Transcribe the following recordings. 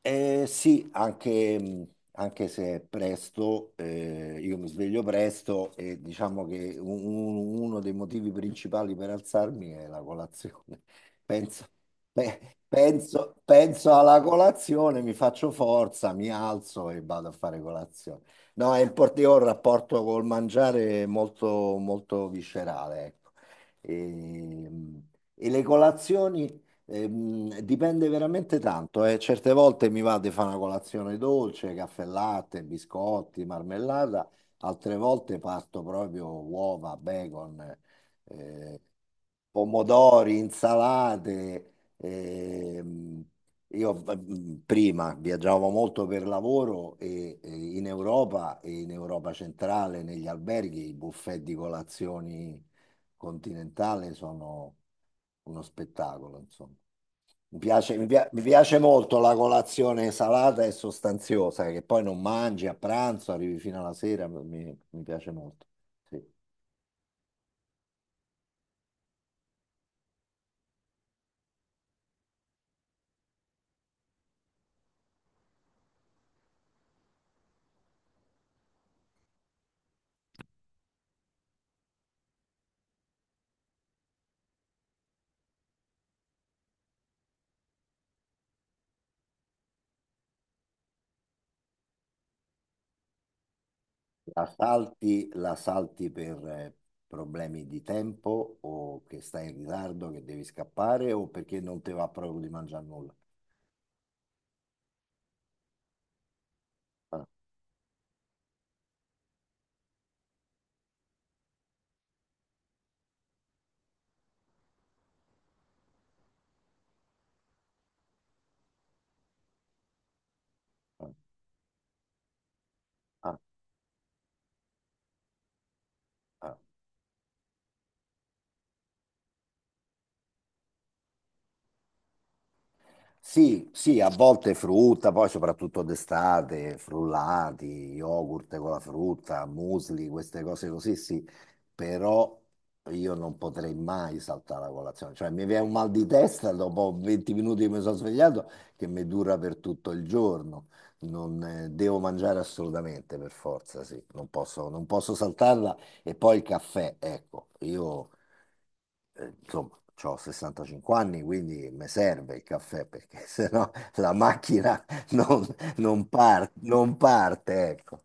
Sì, anche se è presto, io mi sveglio presto e diciamo che uno dei motivi principali per alzarmi è la colazione. Penso, penso alla colazione, mi faccio forza, mi alzo e vado a fare colazione. No, io ho un rapporto col mangiare molto, molto viscerale, ecco. E, e le colazioni. Dipende veramente tanto, eh. Certe volte mi va di fare una colazione dolce, caffè latte, biscotti, marmellata, altre volte parto proprio uova, bacon, eh, pomodori, insalate. ehm, io prima viaggiavo molto per lavoro e in Europa e in Europa centrale, negli alberghi, i buffet di colazioni continentale sono uno spettacolo, insomma. Mi piace molto la colazione salata e sostanziosa, che poi non mangi a pranzo, arrivi fino alla sera, mi piace molto. Sì. La salti per problemi di tempo o che stai in ritardo, che devi scappare o perché non ti va proprio di mangiare nulla. Ah, ah, ah, ah. Sì, sì, a volte frutta, poi soprattutto d'estate, frullati, yogurt con la frutta, muesli, queste cose così, sì, però io non potrei mai saltare la colazione, cioè mi viene un mal di testa dopo 20 minuti che mi sono svegliato che mi dura per tutto il giorno, non devo mangiare assolutamente per forza, sì, non posso, non posso saltarla e poi il caffè, ecco, io insomma, ho 65 anni, quindi mi serve il caffè perché sennò la macchina non, non parte, ecco.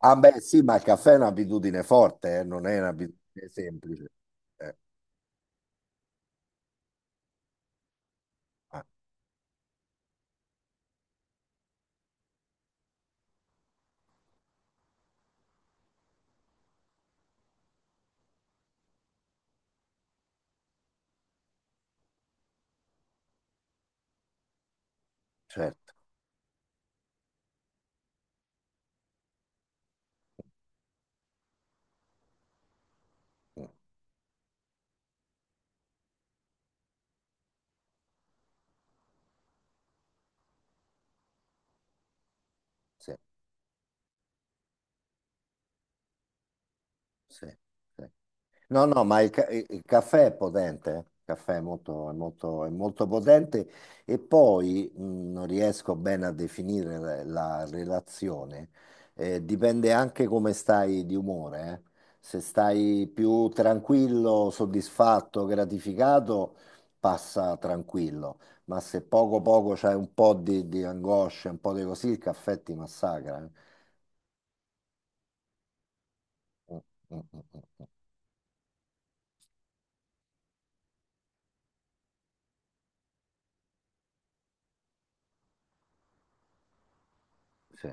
Ah beh, sì, ma il caffè è un'abitudine forte, non è un'abitudine semplice. Eh, ah, certo, sì, sì, sì. No, no, ma il caffè è potente, eh. Il caffè è molto, è molto, è molto potente e poi non riesco bene a definire la relazione. Dipende anche come stai di umore, eh. Se stai più tranquillo, soddisfatto, gratificato, passa tranquillo, ma se poco poco c'hai un po' di angoscia, un po' di così, il caffè ti massacra. Eh. Mm, mm, mm, mm, mm. Sì.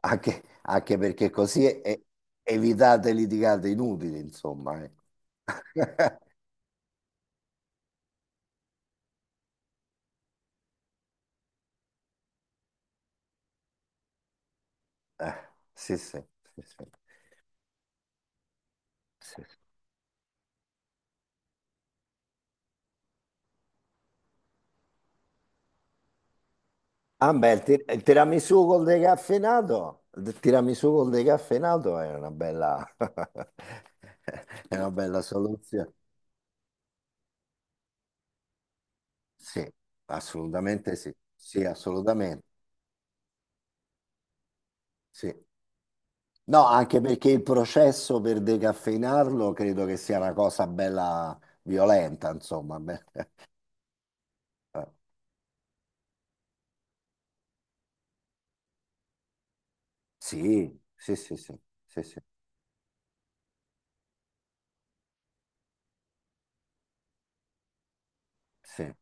Anche perché così evitate litigate inutili, insomma. Eh. Eh, sì, sì, sì, sì, sì, sì. Ah, beh, il tiramisù col decaffeinato è una bella, è una bella soluzione. Sì, assolutamente sì. Sì, assolutamente. Sì. No, anche perché il processo per decaffeinarlo credo che sia una cosa bella violenta, insomma. Beh. Sì, sì, sì, sì, sì, sì, sì.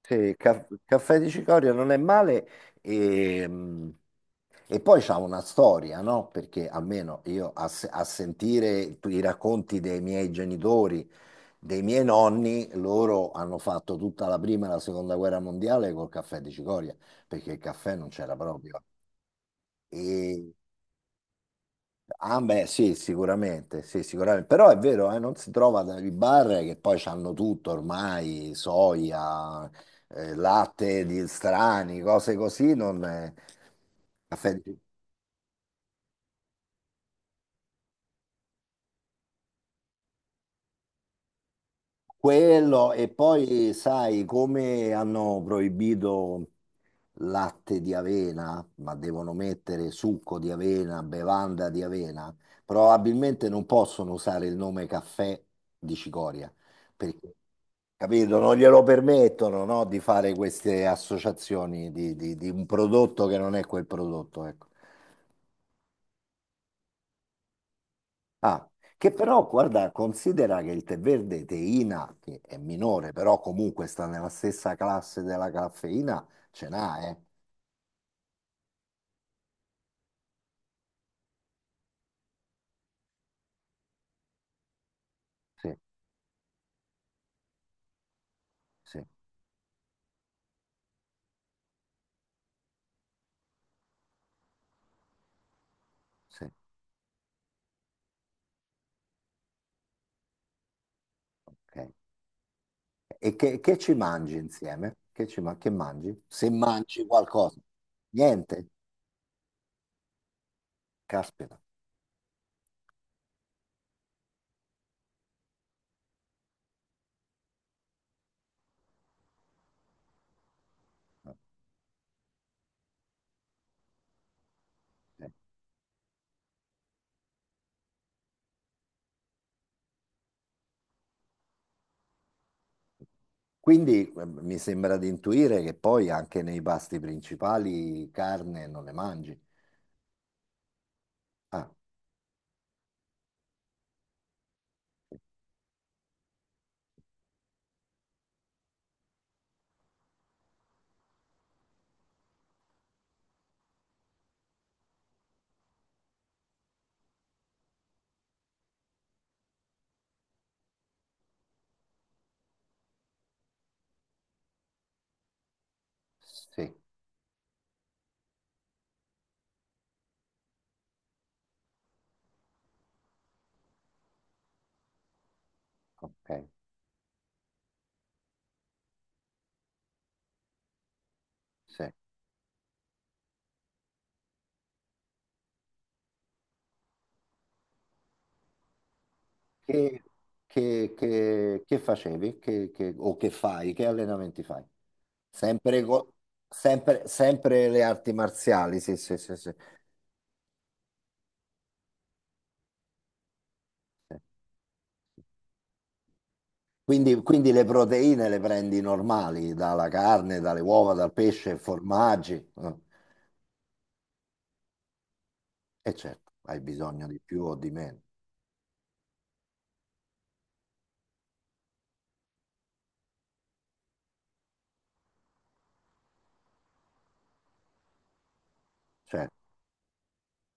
Sì, caffè di cicoria non è male e, mm, e poi c'ha una storia, no? Perché almeno io a, se- a sentire i racconti dei miei genitori, dei miei nonni, loro hanno fatto tutta la prima e la seconda guerra mondiale col caffè di cicoria, perché il caffè non c'era proprio. Ah, beh, sì, sicuramente, sì, sicuramente. Però è vero, non si trova dai bar che poi hanno tutto ormai, soia, latte di strani, cose così, non è- caffè di- Quello, e poi sai come hanno proibito latte di avena, ma devono mettere succo di avena, bevanda di avena, probabilmente non possono usare il nome caffè di cicoria perché. Capito? Non glielo permettono, no, di fare queste associazioni di, di un prodotto che non è quel prodotto, ecco. Ah, che però, guarda, considera che il tè verde teina, che è minore, però comunque sta nella stessa classe della caffeina, ce n'ha, eh? Sì, sì, sì. Ok. E che ci mangi insieme? Che mangi? Se mangi qualcosa? Niente? Caspita. Ok. Quindi mi sembra di intuire che poi anche nei pasti principali carne non le mangi. Ah, sì, ok, sì. Che, che facevi? O che fai? Che allenamenti fai? Sempre, co- sempre le arti marziali, sì, sì, sì, sì. Quindi le proteine le prendi normali, dalla carne, dalle uova, dal pesce, formaggi. Eh. E certo, hai bisogno di più o di meno. Certo.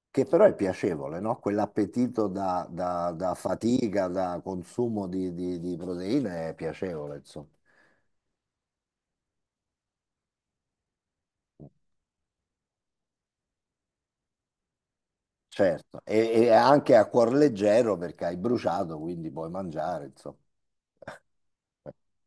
Che però è piacevole, no? Quell'appetito da, da fatica, da consumo di, di proteine è piacevole, insomma. Certo, e anche a cuor leggero perché hai bruciato, quindi puoi mangiare, insomma.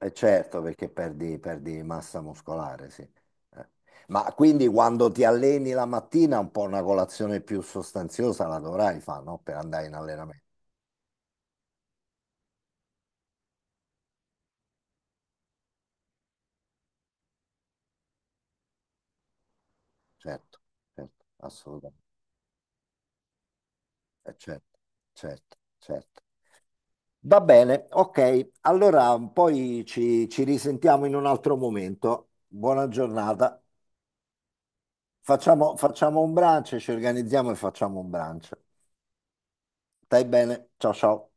E certo, perché perdi massa muscolare, sì. Ma quindi quando ti alleni la mattina, un po' una colazione più sostanziosa la dovrai fare, no? Per andare in allenamento. Certo, certo, assolutamente. Certo, certo, certo. Va bene, ok. Allora poi ci risentiamo in un altro momento. Buona giornata. Facciamo un brunch, ci organizziamo e facciamo un brunch. Stai bene? Ciao ciao.